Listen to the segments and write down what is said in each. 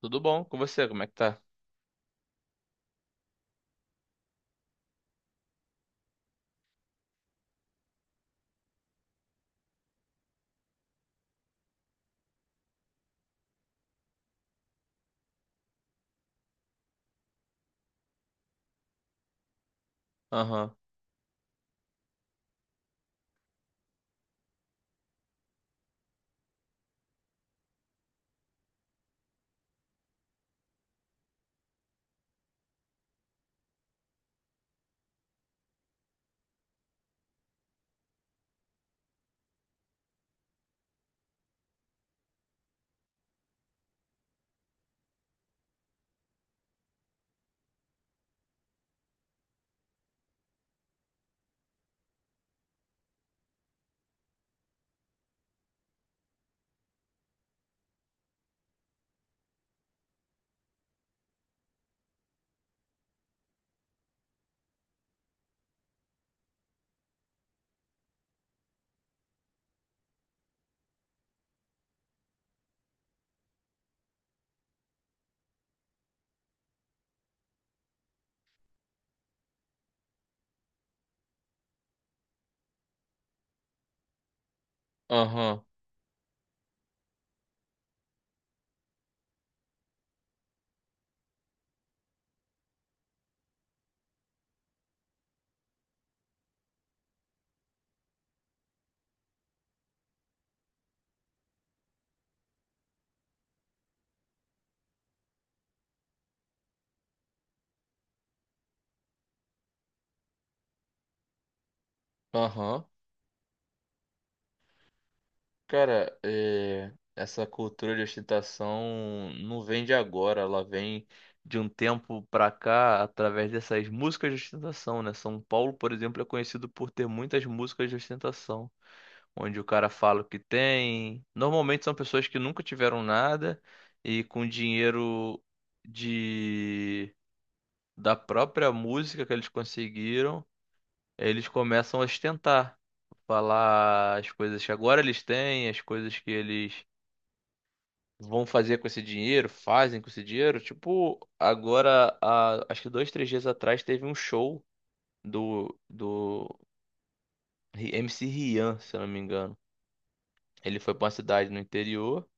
Tudo bom com você? Como é que tá? Aham, aham, aham. Cara, é, essa cultura de ostentação não vem de agora, ela vem de um tempo pra cá através dessas músicas de ostentação, né? São Paulo, por exemplo, é conhecido por ter muitas músicas de ostentação, onde o cara fala o que tem. Normalmente são pessoas que nunca tiveram nada e com dinheiro de da própria música que eles conseguiram. Eles começam a ostentar, falar as coisas que agora eles têm, as coisas que eles vão fazer com esse dinheiro, fazem com esse dinheiro. Tipo, agora, há, acho que dois, três dias atrás teve um show do MC Rian, se eu não me engano. Ele foi pra uma cidade no interior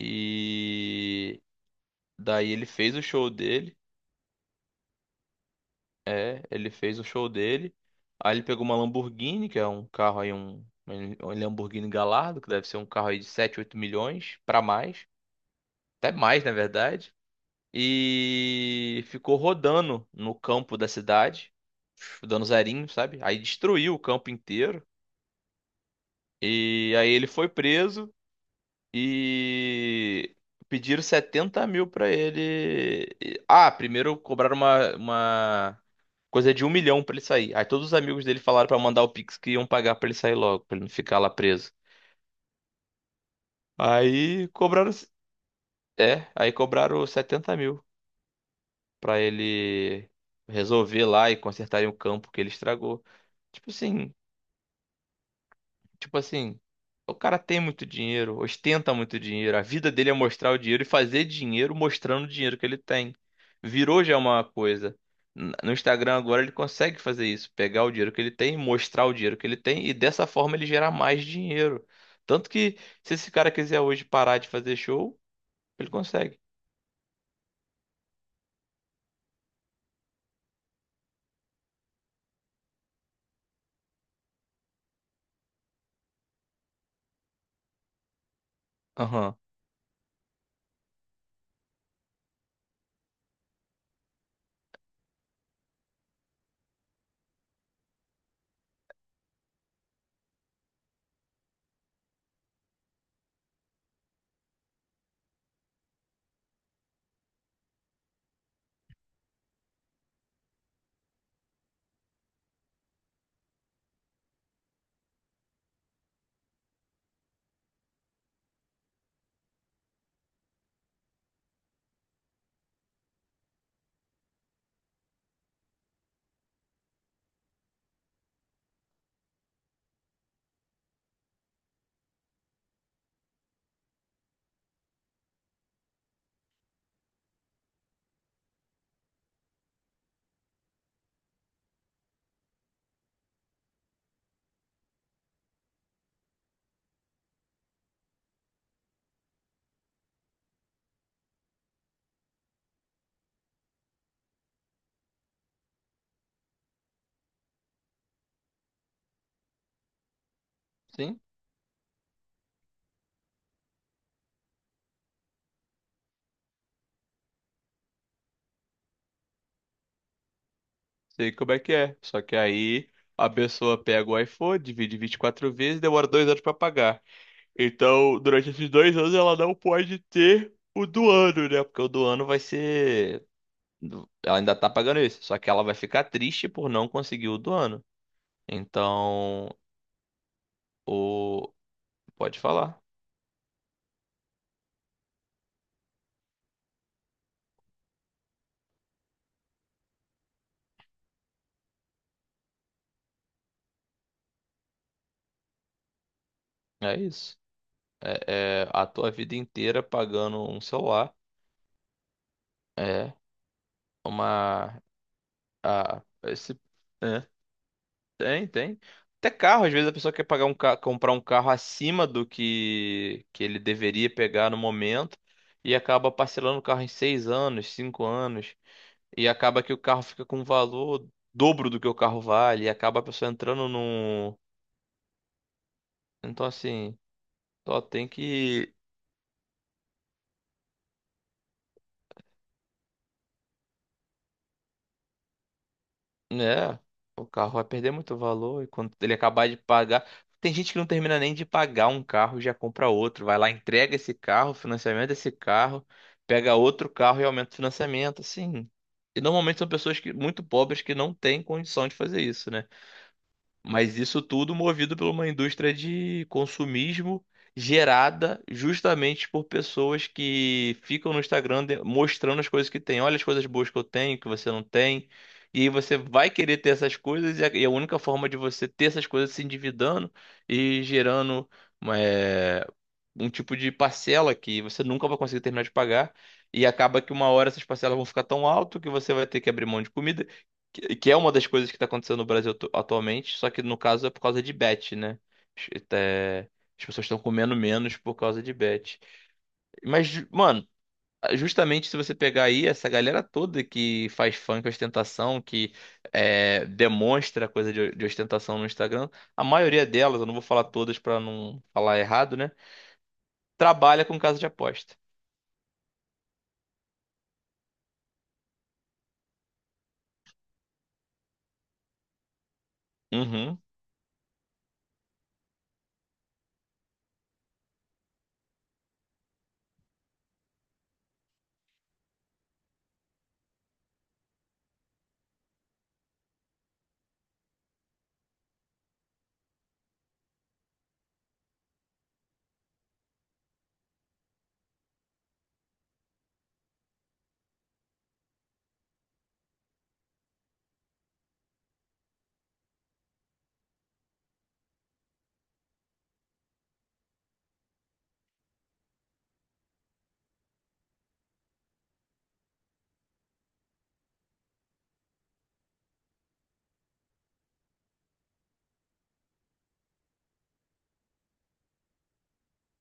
e daí ele fez o show dele. É, ele fez o show dele. Aí ele pegou uma Lamborghini, que é um carro aí, um Lamborghini Gallardo, que deve ser um carro aí de 7, 8 milhões pra mais, até mais, na verdade. E ficou rodando no campo da cidade, dando zerinho, sabe? Aí destruiu o campo inteiro. E aí ele foi preso. E pediram 70 mil pra ele. Ah, primeiro cobraram uma coisa de 1 milhão pra ele sair. Aí todos os amigos dele falaram pra mandar o Pix que iam pagar pra ele sair logo, pra ele não ficar lá preso. Aí cobraram. É, aí cobraram 70 mil pra ele resolver lá e consertarem o campo que ele estragou. Tipo assim. Tipo assim, o cara tem muito dinheiro, ostenta muito dinheiro. A vida dele é mostrar o dinheiro e fazer dinheiro mostrando o dinheiro que ele tem. Virou já uma coisa. No Instagram agora ele consegue fazer isso, pegar o dinheiro que ele tem, mostrar o dinheiro que ele tem e dessa forma ele gerar mais dinheiro. Tanto que se esse cara quiser hoje parar de fazer show, ele consegue. Aham. Sim, sei como é que é. Só que aí a pessoa pega o iPhone, divide 24 vezes, demora 2 anos pra pagar. Então, durante esses 2 anos, ela não pode ter o do ano, né? Porque o do ano vai ser. Ela ainda tá pagando isso. Só que ela vai ficar triste por não conseguir o do ano. Então, o. Pode falar. É isso. É, é a tua vida inteira pagando um celular. É uma. A, esse. Né? Tem, tem. Até carro, às vezes a pessoa quer pagar um ca... comprar um carro acima do que ele deveria pegar no momento e acaba parcelando o carro em 6 anos, 5 anos, e acaba que o carro fica com um valor dobro do que o carro vale, e acaba a pessoa entrando num. Então, assim, só tem que. É, o carro vai perder muito valor e quando ele acabar de pagar. Tem gente que não termina nem de pagar um carro e já compra outro. Vai lá, entrega esse carro, financiamento desse carro, pega outro carro e aumenta o financiamento, assim. E normalmente são pessoas que, muito pobres que não têm condição de fazer isso, né? Mas isso tudo movido por uma indústria de consumismo gerada justamente por pessoas que ficam no Instagram de- mostrando as coisas que têm. Olha as coisas boas que eu tenho, que você não tem. E aí você vai querer ter essas coisas, e a única forma de você ter essas coisas é se endividando e gerando eh, um tipo de parcela que você nunca vai conseguir terminar de pagar e acaba que uma hora essas parcelas vão ficar tão alto que você vai ter que abrir mão de comida, que é uma das coisas que está acontecendo no Brasil atualmente, só que no caso é por causa de bet, né? É, as pessoas estão comendo menos por causa de bet. Mas, mano, justamente se você pegar aí essa galera toda que faz funk ostentação, que é, demonstra coisa de ostentação no Instagram, a maioria delas, eu não vou falar todas para não falar errado, né? Trabalha com casa de aposta. Uhum,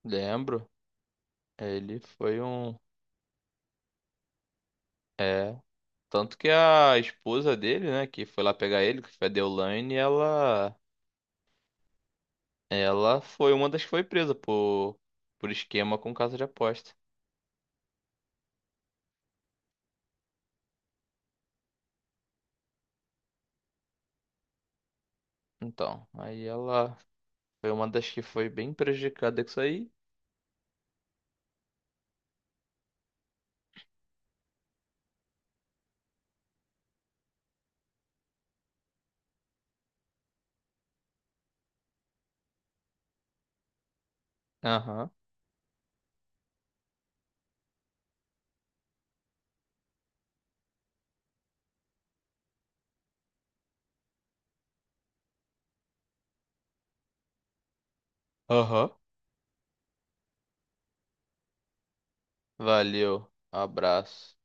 lembro. Ele foi um. É. Tanto que a esposa dele, né, que foi lá pegar ele, que foi a Deolane, ela. Ela foi uma das que foi presa por esquema com casa de aposta. Então, aí ela foi uma das que foi bem prejudicada com isso aí. Aham. Aham. Valeu. Abraço.